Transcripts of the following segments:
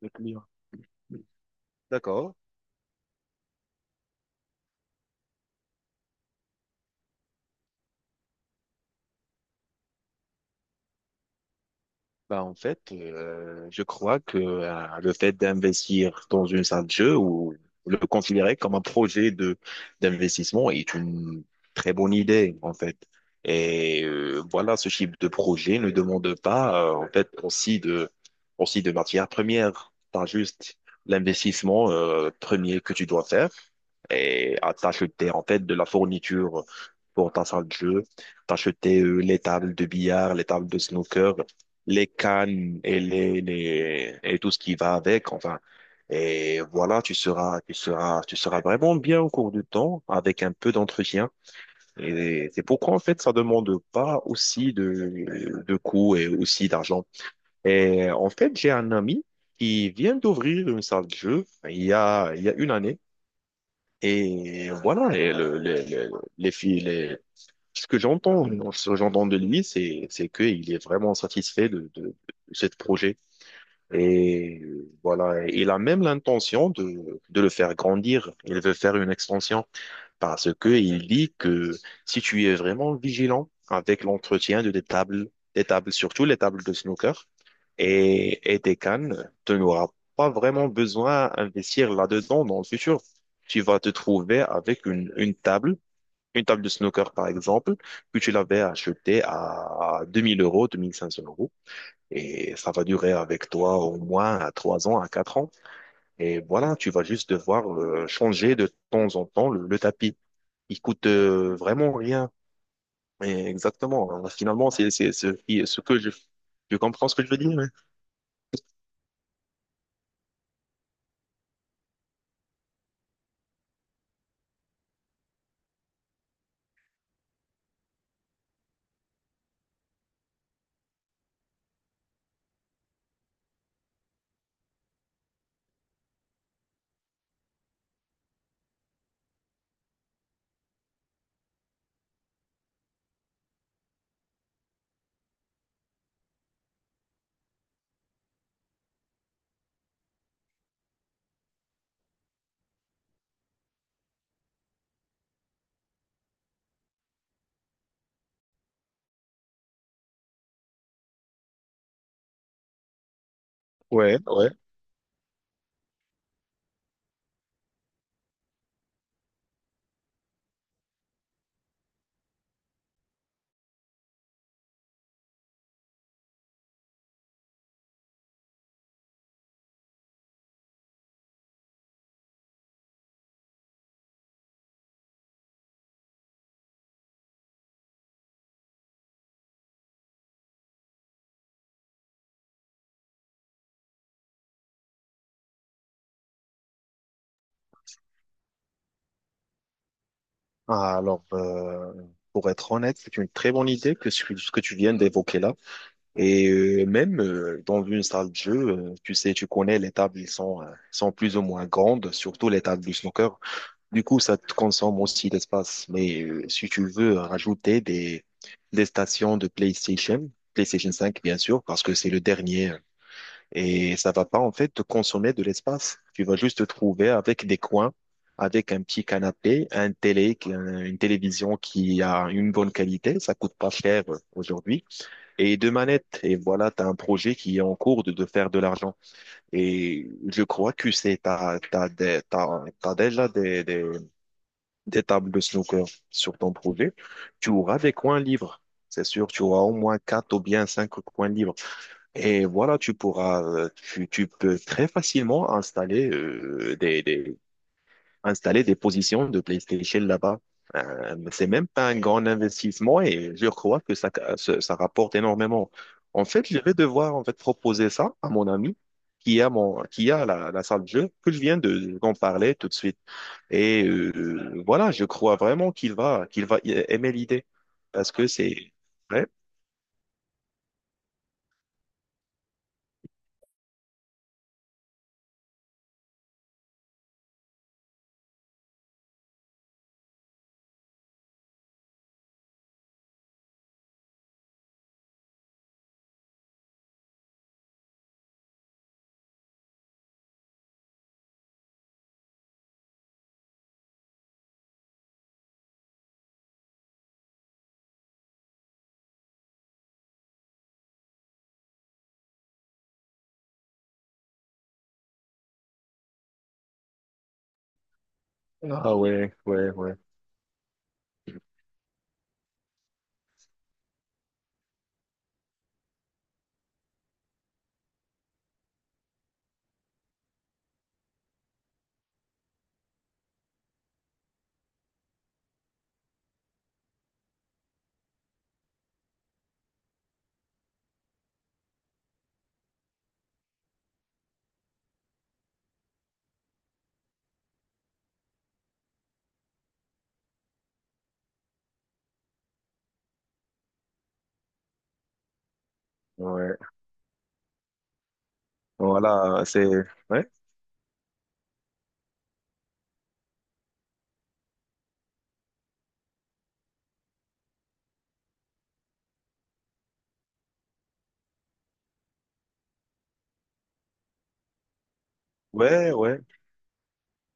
Le client. D'accord. Bah, en fait, je crois que le fait d'investir dans une salle de jeu ou le considérer comme un projet de d'investissement est une très bonne idée, en fait. Et voilà, ce type de projet ne demande pas, en fait, aussi de matières premières. T'as juste l'investissement premier que tu dois faire et à t'acheter en fait de la fourniture pour ta salle de jeu, t'acheter les tables de billard, les tables de snooker, les cannes et les et tout ce qui va avec, enfin. Et voilà, tu seras vraiment bien au cours du temps avec un peu d'entretien. Et c'est pourquoi, en fait, ça demande pas aussi de coûts et aussi d'argent. Et en fait, j'ai un ami qui vient d'ouvrir une salle de jeu il y a 1 année. Et voilà, et le- les filles, les- ce que j'entends, ce que j'entends de lui, c'est qu'il est vraiment satisfait de ce projet. Et voilà, et il a même l'intention de le faire grandir. Il veut faire une extension parce que il dit que si tu es vraiment vigilant avec l'entretien de tes tables, des tables, surtout les tables de snooker, et tes cannes, tu n'auras pas vraiment besoin d'investir là-dedans dans le futur. Tu vas te trouver avec une table de snooker par exemple, que tu l'avais achetée à 2000 euros, 2500 euros. Et ça va durer avec toi au moins à 3 ans, à 4 ans. Et voilà, tu vas juste devoir changer de temps en temps le tapis. Il coûte vraiment rien. Et exactement, hein. Finalement, c'est ce que je, tu comprends ce que je veux dire? Hein. Ouais, ouais. Ah, alors, pour être honnête, c'est une très bonne idée que ce que tu viens d'évoquer là. Et même dans une salle de jeu, tu sais, tu connais les tables, ils sont, sont plus ou moins grandes, surtout les tables du snooker. Du coup, ça te consomme aussi l'espace. Mais si tu veux rajouter des stations de PlayStation, PlayStation 5, bien sûr, parce que c'est le dernier et ça va pas en fait te consommer de l'espace. Tu vas juste te trouver avec des coins, avec un petit canapé, un télé, qui- un- une télévision qui a une bonne qualité, ça coûte pas cher aujourd'hui, et deux manettes. Et voilà, tu as un projet qui est en cours de faire de l'argent. Et je crois que c'est t'as, t'as des- t'as- t'as déjà des tables de snooker sur ton projet. Tu auras des coins libres. C'est sûr, tu auras au moins quatre ou bien cinq coins libres. Et voilà, tu pourras, tu peux très facilement installer installer des positions de PlayStation là-bas. Mais c'est même pas un grand investissement et je crois que ça rapporte énormément. En fait, je vais devoir en fait proposer ça à mon ami qui a la salle de jeu que je viens de, d'en parler tout de suite. Et voilà, je crois vraiment qu'il va aimer l'idée parce que c'est ouais. Ah ouais, ouais, ouais, ouais. Voilà, c'est ouais, ouais, ouais.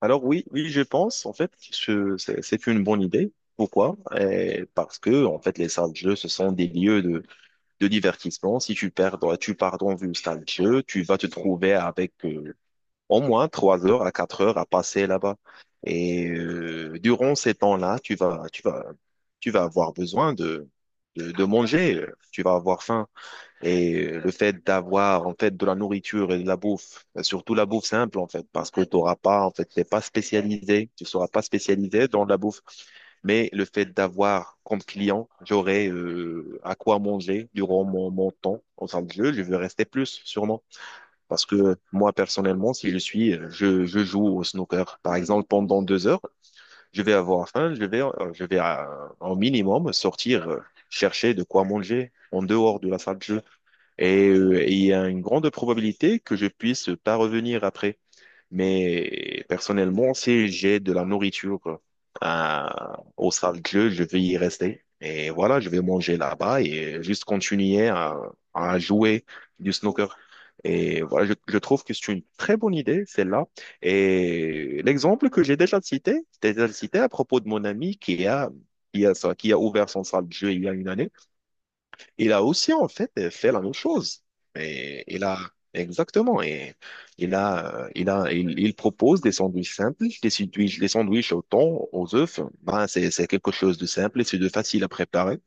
Alors oui, oui, je pense en fait que c'est une bonne idée. Pourquoi? Eh, parce que en fait, les salles de jeu, ce sont des lieux de divertissement. Si tu pars dans une salle de jeu, tu vas te trouver avec au moins 3 heures à 4 heures à passer là-bas. Et durant ces temps-là, tu vas avoir besoin de manger. Tu vas avoir faim. Et le fait d'avoir en fait de la nourriture et de la bouffe, surtout la bouffe simple en fait, parce que tu n'auras pas en fait, t'es pas spécialisé, tu seras pas spécialisé dans la bouffe. Mais le fait d'avoir comme client, j'aurai à quoi manger durant mon temps en salle de jeu, je veux rester plus sûrement. Parce que moi, personnellement, si je joue au snooker, par exemple, pendant 2 heures, je vais avoir faim, je vais en minimum sortir chercher de quoi manger en dehors de la salle de jeu. Et il y a une grande probabilité que je puisse pas revenir après. Mais personnellement, si j'ai de la nourriture euh, au cercle, je vais y rester. Et voilà, je vais manger là-bas et juste continuer à jouer du snooker. Et voilà, je trouve que c'est une très bonne idée, celle-là. Et l'exemple que j'ai déjà cité à propos de mon ami qui a ouvert son salle de jeu il y a 1 année. Il a aussi, en fait, fait la même chose. Et il a, exactement. Et il propose des sandwichs simples, des sandwichs au thon, aux œufs. Ben, c'est quelque chose de simple et c'est de facile à préparer.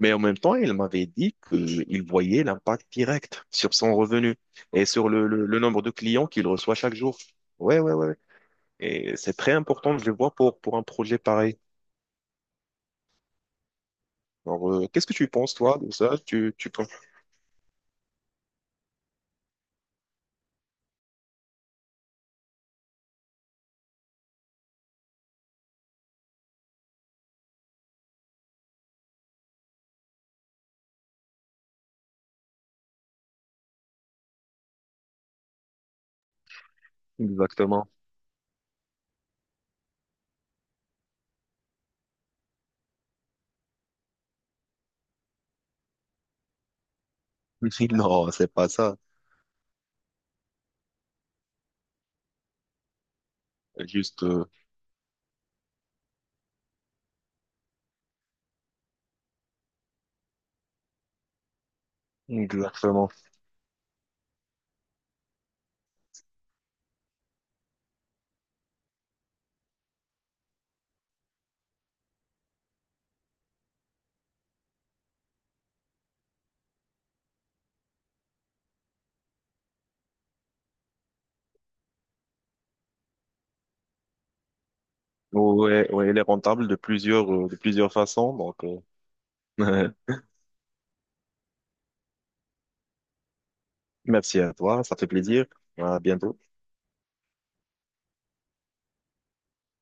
Mais en même temps, il m'avait dit qu'il voyait l'impact direct sur son revenu et sur le nombre de clients qu'il reçoit chaque jour. Ouais, ouais, ouais, ouais. Et c'est très important, je le vois, pour un projet pareil. Alors, qu'est-ce que tu penses, toi, de ça? Tu penses exactement. Non, c'est pas ça. Juste, exactement. Ouais, ouais, elle est rentable de plusieurs façons. Donc, euh, merci à toi, ça fait plaisir. À bientôt.